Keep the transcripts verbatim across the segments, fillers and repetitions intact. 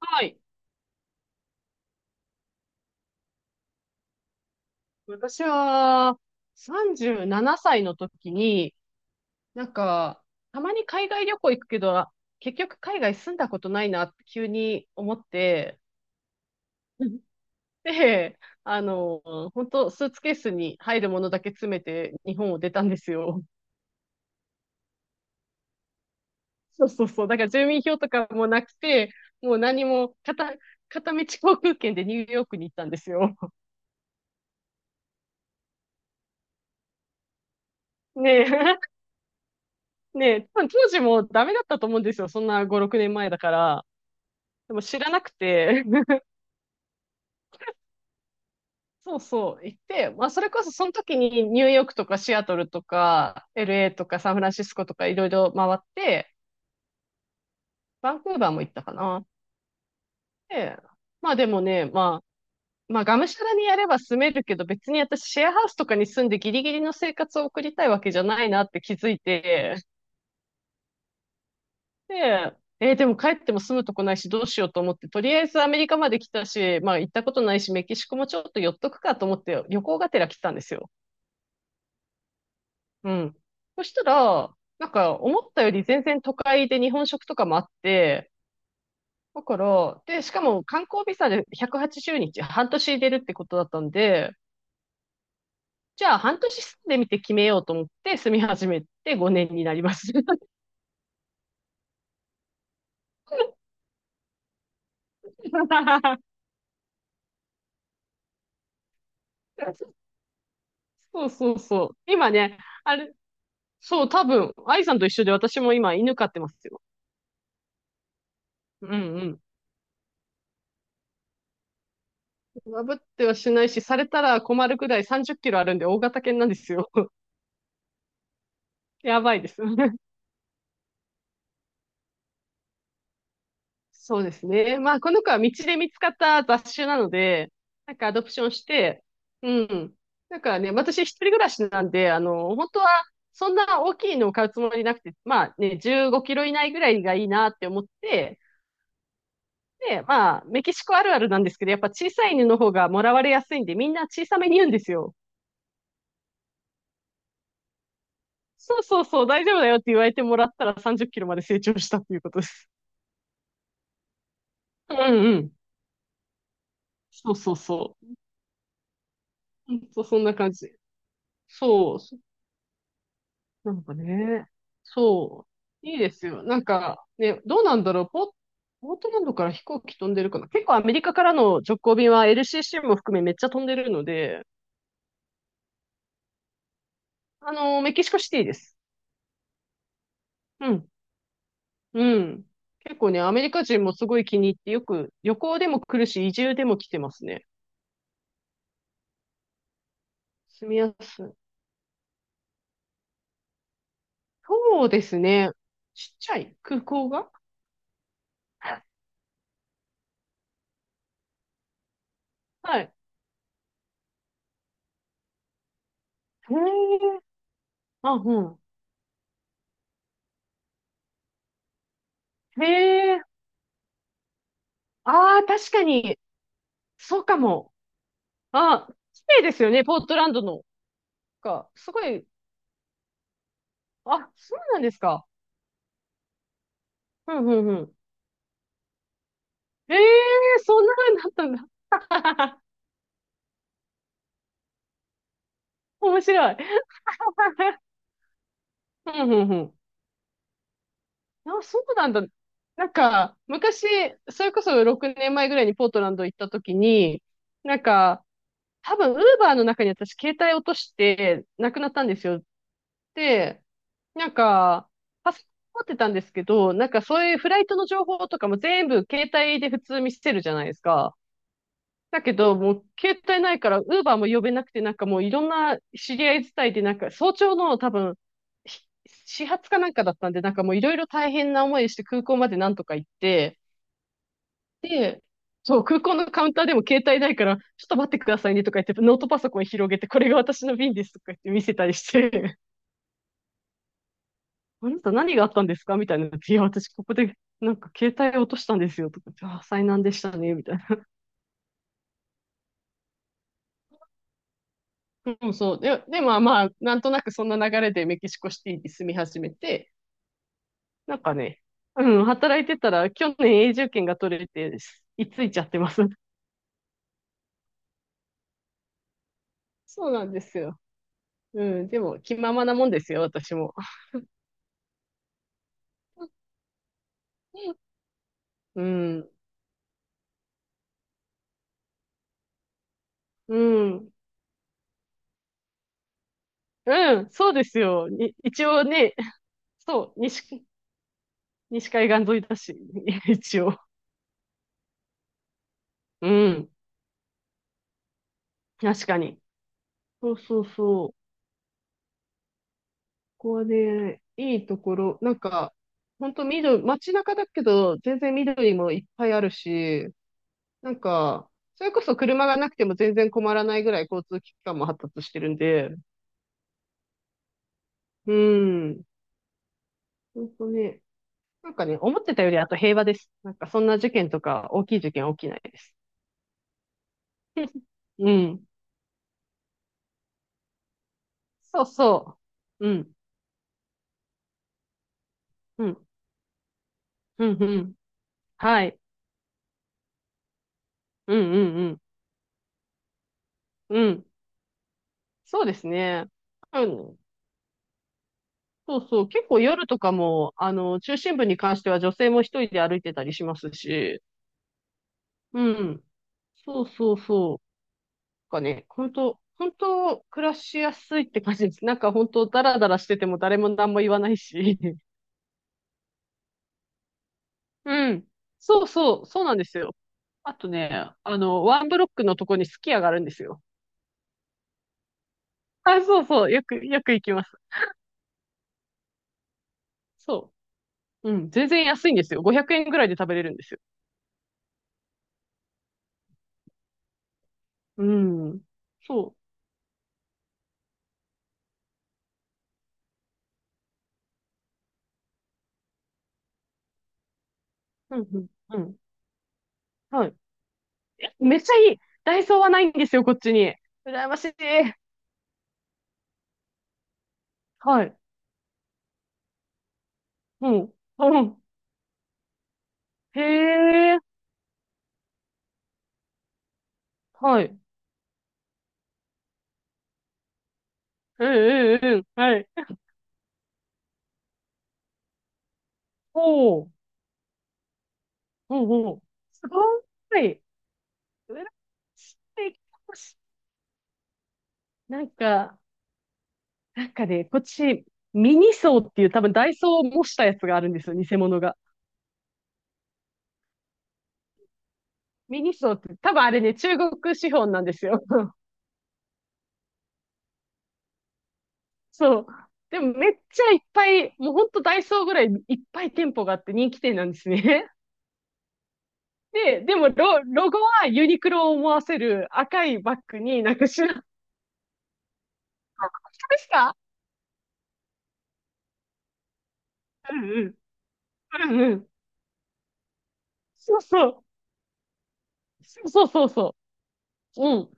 はい。私はさんじゅうななさいの時に、なんか、たまに海外旅行行くけど、結局海外住んだことないなって急に思って、うんで、あの、本当スーツケースに入るものだけ詰めて日本を出たんですよ。そうそうそう。だから住民票とかもなくて、もう何も片、片道航空券でニューヨークに行ったんですよ。ねえ、ねえ、多分当時もダメだったと思うんですよ。そんなご、ろくねんまえだから。でも知らなくて、そうそう、行って、まあそれこそその時にニューヨークとかシアトルとか エルエー とかサンフランシスコとかいろいろ回って、バンクーバーも行ったかな。で、まあでもね、まあ、まあがむしゃらにやれば住めるけど別に私シェアハウスとかに住んでギリギリの生活を送りたいわけじゃないなって気づいて、で、えーでも帰っても住むとこないしどうしようと思って、とりあえずアメリカまで来たし、まあ行ったことないしメキシコもちょっと寄っとくかと思って旅行がてら来たんですよ。うん。そしたら、なんか思ったより全然都会で日本食とかもあって、だから、で、しかも観光ビザでひゃくはちじゅうにち、半年入れるってことだったんで、じゃあ半年住んでみて決めようと思って住み始めてごねんになります。そうそうそう。今ね、あれ、そう、多分、愛さんと一緒で私も今犬飼ってますよ。うんうん。破ってはしないし、されたら困るくらいさんじゅっキロあるんで大型犬なんですよ。やばいです。そうですね。まあ、この子は道で見つかった雑種なので、なんかアドプションして、うん。なんかね、私一人暮らしなんで、あの、本当はそんな大きいのを買うつもりなくて、まあね、じゅうごキロ以内ぐらいがいいなって思って、で、まあ、メキシコあるあるなんですけど、やっぱ小さい犬の方がもらわれやすいんで、みんな小さめに言うんですよ。そうそうそう、大丈夫だよって言われてもらったらさんじゅっキロまで成長したっていうことです。うんうん。そうそうそう。ほんとそんな感じ。そう。なんかね、そう、いいですよ。なんか、ね、どうなんだろう、ポ、ポートランドから飛行機飛んでるかな。結構アメリカからの直行便は エルシーシー も含めめっちゃ飛んでるので、あの、メキシコシティです。うん、うん。結構ね、アメリカ人もすごい気に入ってよく旅行でも来るし、移住でも来てますね。住みやすい。そうですね。ちっちゃい空港が、はい。へえ。あ、うん。へえ。ああ、確かに。そうかも。あ、綺麗ですよね、ポートランドの。か、すごい、あ、そうなんですか。うん、うん、うん。ええーそんな風になったんだ。面白い。うん、うん、うん。あ、そうなんだ。なんか、昔、それこそろくねんまえぐらいにポートランド行った時に、なんか、多分、ウーバーの中に私、携帯落として、なくなったんですよ。で、なんか、パソコン持ってたんですけど、なんかそういうフライトの情報とかも全部携帯で普通見せるじゃないですか。だけど、もう携帯ないから、ウーバーも呼べなくて、なんかもういろんな知り合い伝いで、なんか早朝の多分、し始発かなんかだったんで、なんかもういろいろ大変な思いして空港までなんとか行って、で、そう、空港のカウンターでも携帯ないから、ちょっと待ってくださいねとか言って、ノートパソコン広げて、これが私の便ですとか言って見せたりして。あなた何があったんですかみたいな。いや、私ここで、なんか携帯落としたんですよ。とか、あ、災難でしたね。みたいな。うん、そう。で、で、まあまあ、なんとなくそんな流れでメキシコシティに住み始めて、なんかね、うん、働いてたら去年永住権が取れて、いついちゃってます。そうなんですよ。うん、でも気ままなもんですよ、私も。うん、うん、うん、そうですよ。に一応ね、そう、西、西海岸沿いだし、一応。うん、確かに。そうそうそう。ここはね、いいところ、なんか、ほんと緑、街中だけど、全然緑もいっぱいあるし、なんか、それこそ車がなくても全然困らないぐらい交通機関も発達してるんで、うん。ほんとね、なんかね、思ってたよりあと平和です。なんかそんな事件とか、大きい事件起きないです。うん。そうそう。うん。うん。うん。うん。はい。うんうんうん。うん。そうですね。うん。そうそう、結構夜とかも、あの、中心部に関しては女性も一人で歩いてたりしますし、うん。そうそうそう。なんかね、本当本当暮らしやすいって感じです。なんか本当ダラダラしてても誰も何も言わないし。うん。そうそう、そうなんですよ。あとね、あの、ワンブロックのとこにすき家があるんですよ。あ、そうそう、よく、よく行きます。そう。うん、全然安いんですよ。ごひゃくえんぐらいで食べれるんですよ。うん。そう。うん、うん、うん。はい。めっちゃいい。ダイソーはないんですよ、こっちに。羨ましい。はい。うん。うん。へえ。はい。うんうんうん。はい。おお。うんうん。すごい。羨ましい。なんか、なんかね、こっち、ミニソーっていう多分ダイソーを模したやつがあるんですよ、偽物が。ミニソーって、多分あれね、中国資本なんですよ。そう。でもめっちゃいっぱい、もうほんとダイソーぐらいいっぱい店舗があって人気店なんですね。で、でもロ、ロゴはユニクロを思わせる赤いバッグになんか白い、あ、そうですか。うんうん。うんうん。そうそう。そうそうそう。うん。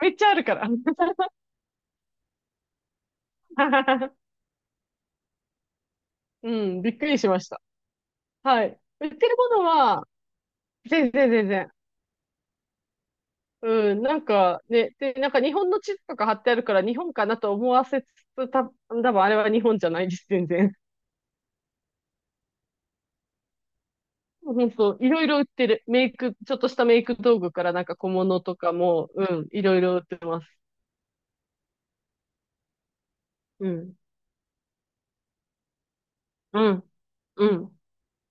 めっちゃあるから。うん、びっくりしました。はい。売ってるものは、全然全然。うん、なんかね、で、なんか日本の地図とか貼ってあるから日本かなと思わせつつ、た、多分あれは日本じゃないです、全然。そうそう、いろいろ売ってる。メイク、ちょっとしたメイク道具からなんか小物とかも、うん、いろいろ売ってます。うん、うん、うん。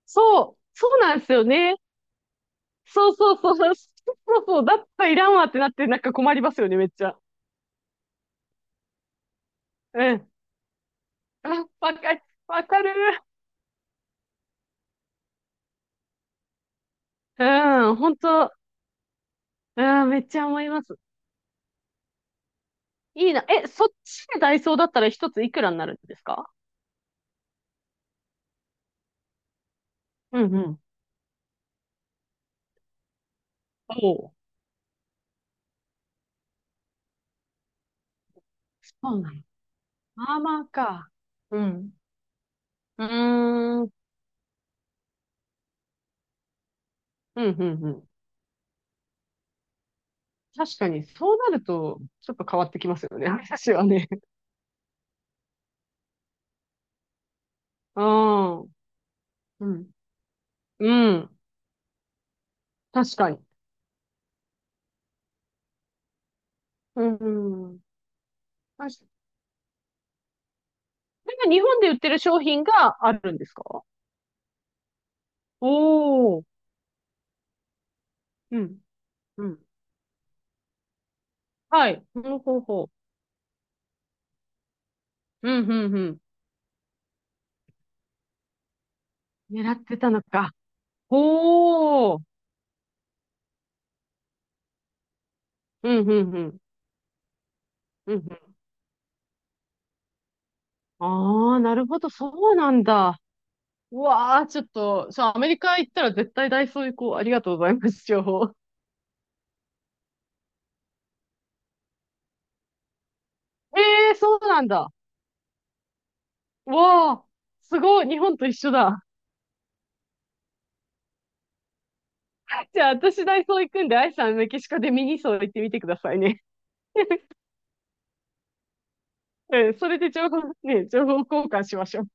そう、そうなんですよね。そうそうそう、そうそう、だったらいらんわってなってなんか困りますよね、めっちゃ。うん。あ、わかる、わかる。うん、本当、うん、めっちゃ思います。いいな。え、そっちでダイソーだったら一ついくらになるんですか。うんうん。おお。そうなの。まあまあか。うん。うーん。うん、うん、うん。確かに、そうなると、ちょっと変わってきますよね、話はね。ああ、うん。うん。確かに。うん。確かに。それが日本で売ってる商品があるんですか。おおー。うん。うん。はい。ほうほうほう。うん、うん、うん。狙ってたのか。おお。うん、うん、うん。うん、うん。ああ、なるほど。そうなんだ。うわあ、ちょっと、そう、アメリカ行ったら絶対ダイソー行こう。ありがとうございます、情報。ええー、そうなんだ。わあ、すごい、日本と一緒だ。じゃあ、私ダイソー行くんで、アイさんメキシコでミニソー行ってみてくださいね。うん、それで情報、ね、情報交換しましょう。